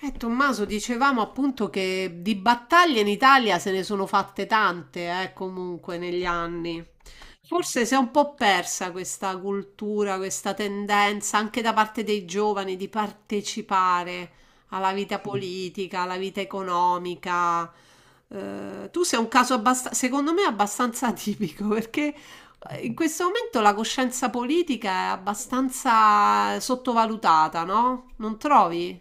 Tommaso, dicevamo appunto che di battaglie in Italia se ne sono fatte tante, comunque negli anni. Forse si è un po' persa questa cultura, questa tendenza anche da parte dei giovani di partecipare alla vita politica, alla vita economica. Tu sei un caso secondo me abbastanza atipico perché in questo momento la coscienza politica è abbastanza sottovalutata, no? Non trovi?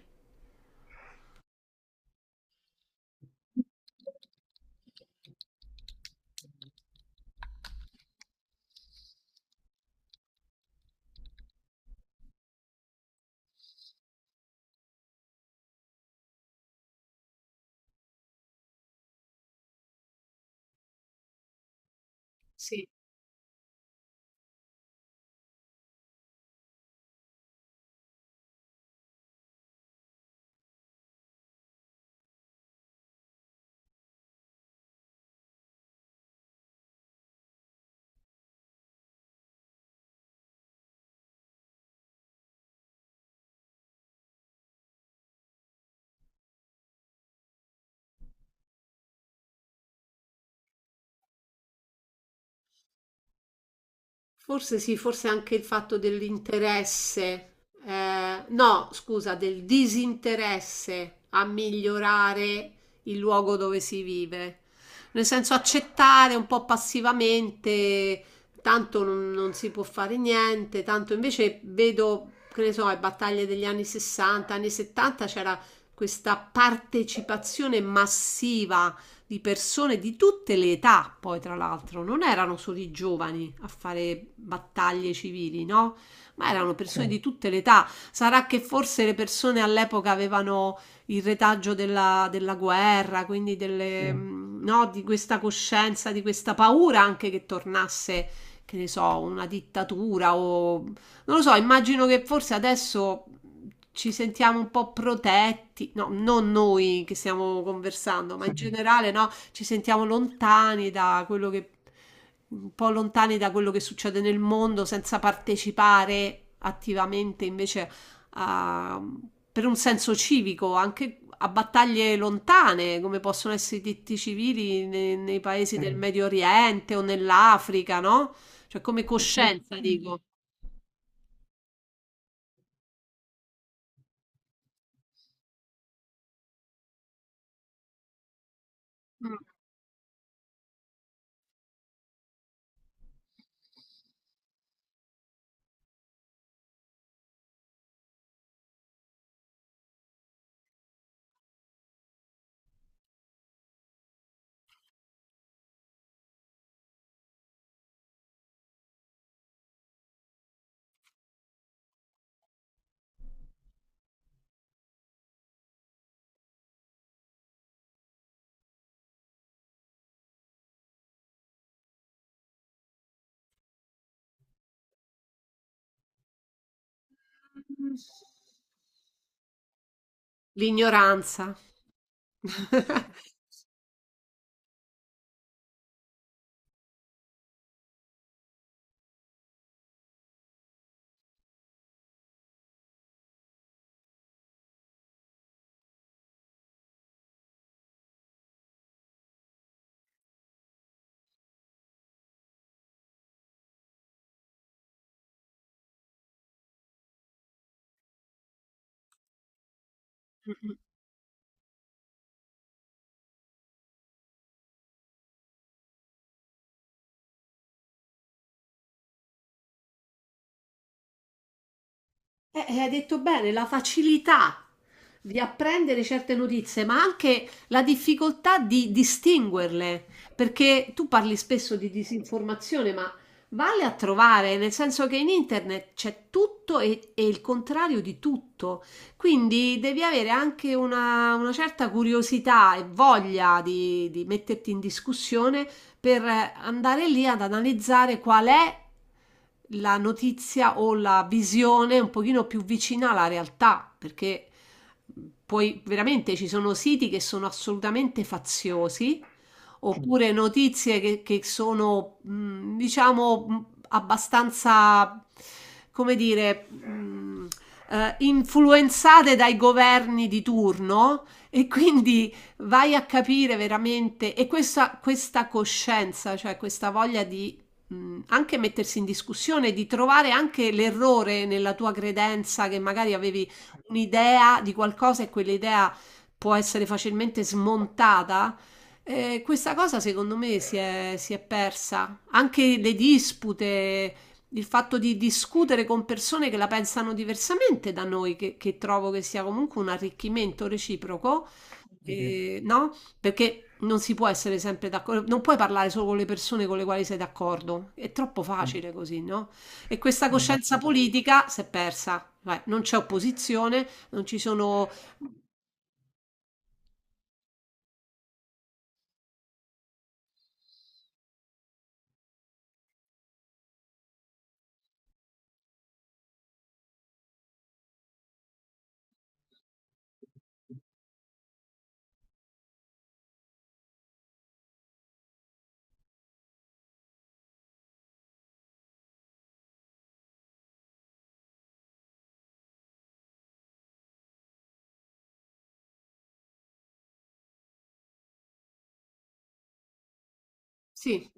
Forse sì, forse anche il fatto dell'interesse, no, scusa, del disinteresse a migliorare il luogo dove si vive. Nel senso accettare un po' passivamente, tanto non si può fare niente, tanto invece vedo, che ne so, le battaglie degli anni 60, anni 70. C'era questa partecipazione massiva di persone di tutte le età, poi tra l'altro, non erano solo i giovani a fare battaglie civili, no? Ma erano persone, sì, di tutte le età. Sarà che forse le persone all'epoca avevano il retaggio della guerra, quindi delle, sì, no, di questa coscienza, di questa paura anche che tornasse, che ne so, una dittatura o non lo so, immagino che forse adesso ci sentiamo un po' protetti, no, non noi che stiamo conversando, ma in generale, no, ci sentiamo lontani da quello che, un po' lontani da quello che succede nel mondo senza partecipare attivamente invece a- per un senso civico, anche a battaglie lontane, come possono essere i diritti civili nei, paesi del Medio Oriente o nell'Africa, no? Cioè come coscienza, dico. Mm. Mh. L'ignoranza. Mh-mh. E hai detto bene, la facilità di apprendere certe notizie, ma anche la difficoltà di distinguerle, perché tu parli spesso di disinformazione, ma vale a trovare, nel senso che in internet c'è tutto e il contrario di tutto, quindi devi avere anche una certa curiosità e voglia di metterti in discussione per andare lì ad analizzare qual è la notizia o la visione un pochino più vicina alla realtà, perché poi veramente ci sono siti che sono assolutamente faziosi, oppure notizie che sono, diciamo, abbastanza, come dire, influenzate dai governi di turno e quindi vai a capire veramente e questa coscienza, cioè questa voglia di anche mettersi in discussione, di trovare anche l'errore nella tua credenza che magari avevi un'idea di qualcosa e quell'idea può essere facilmente smontata. Eh, questa cosa secondo me si è persa. Anche le dispute, il fatto di discutere con persone che la pensano diversamente da noi, che trovo che sia comunque un arricchimento reciproco, mhm, no? Perché non si può essere sempre d'accordo, non puoi parlare solo con le persone con le quali sei d'accordo, è troppo, mm, facile così, no? E questa, mm, coscienza politica si è persa, vai, non c'è opposizione, non ci sono... Sì.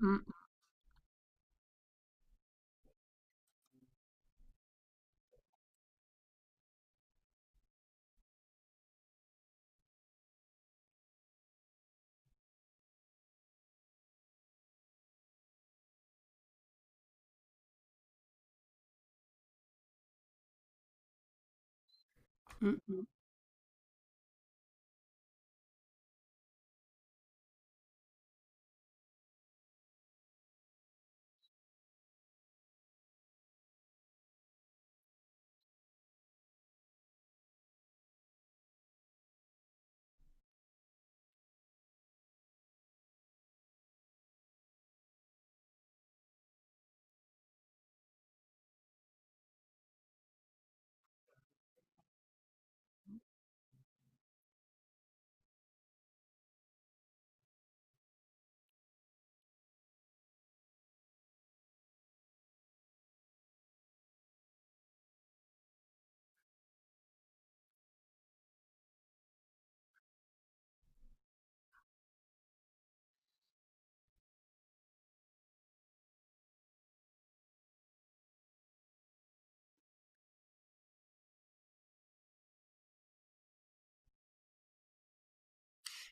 Mm, mm, mm.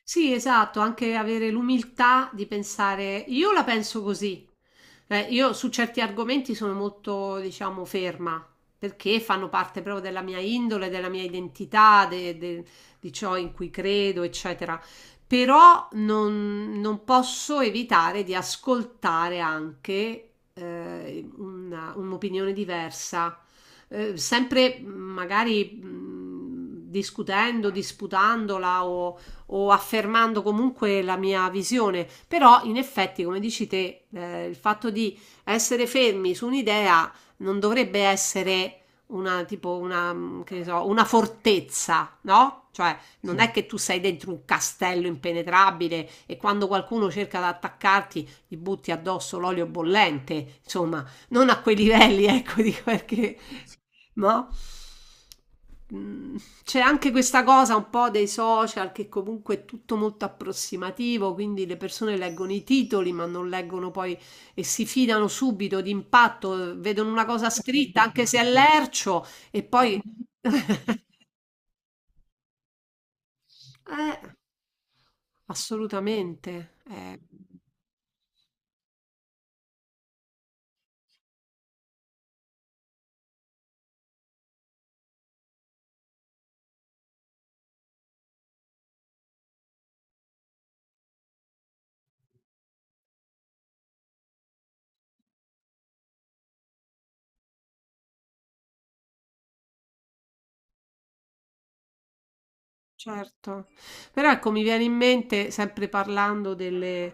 Sì, esatto, anche avere l'umiltà di pensare, io la penso così. Io su certi argomenti sono molto, diciamo, ferma, perché fanno parte proprio della mia indole, della mia identità, di ciò in cui credo, eccetera. Però non posso evitare di ascoltare anche un'opinione diversa, sempre magari discutendo, disputandola o affermando comunque la mia visione, però in effetti, come dici te, il fatto di essere fermi su un'idea non dovrebbe essere una, tipo una, mm, che ne so, una fortezza, no? Cioè, non è che tu sei dentro un castello impenetrabile e quando qualcuno cerca di attaccarti gli butti addosso l'olio bollente, insomma, non a quei livelli, ecco, dico perché no? Mm. C'è anche questa cosa un po' dei social che comunque è tutto molto approssimativo, quindi le persone leggono i titoli ma non leggono poi e si fidano subito d'impatto, vedono una cosa scritta anche se è lercio e poi... Eh, assolutamente, eh. Certo. Però ecco, mi viene in mente, sempre parlando delle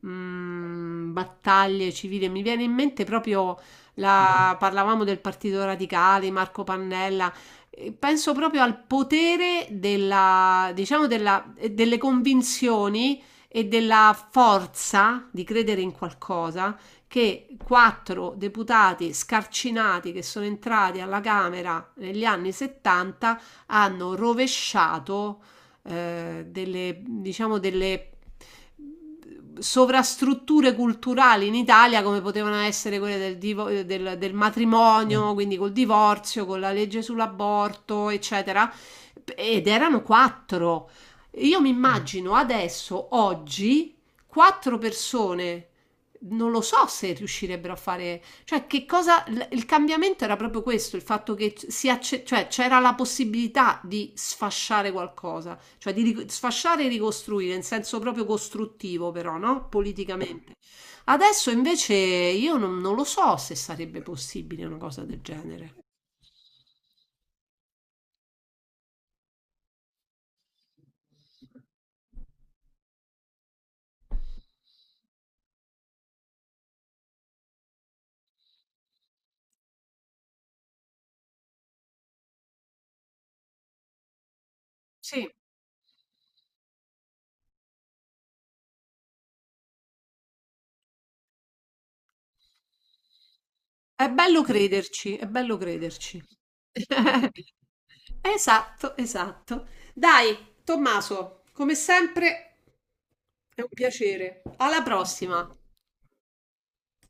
battaglie civili, mi viene in mente proprio la... parlavamo del Partito Radicale, Marco Pannella. E penso proprio al potere della, diciamo della, delle convinzioni e della forza di credere in qualcosa, che quattro deputati scarcinati che sono entrati alla Camera negli anni 70 hanno rovesciato delle, diciamo, delle sovrastrutture culturali in Italia come potevano essere quelle del matrimonio, quindi col divorzio, con la legge sull'aborto, eccetera. Ed erano quattro. Io mi immagino adesso, oggi, quattro persone. Non lo so se riuscirebbero a fare, cioè, che cosa il cambiamento era proprio questo, il fatto che cioè, c'era la possibilità di sfasciare qualcosa, cioè di sfasciare e ricostruire in senso proprio costruttivo, però, no? Politicamente. Adesso invece io non lo so se sarebbe possibile una cosa del genere. Sì, è bello crederci, è bello crederci. Esatto, esatto. Dai, Tommaso, come sempre è un piacere. Alla prossima.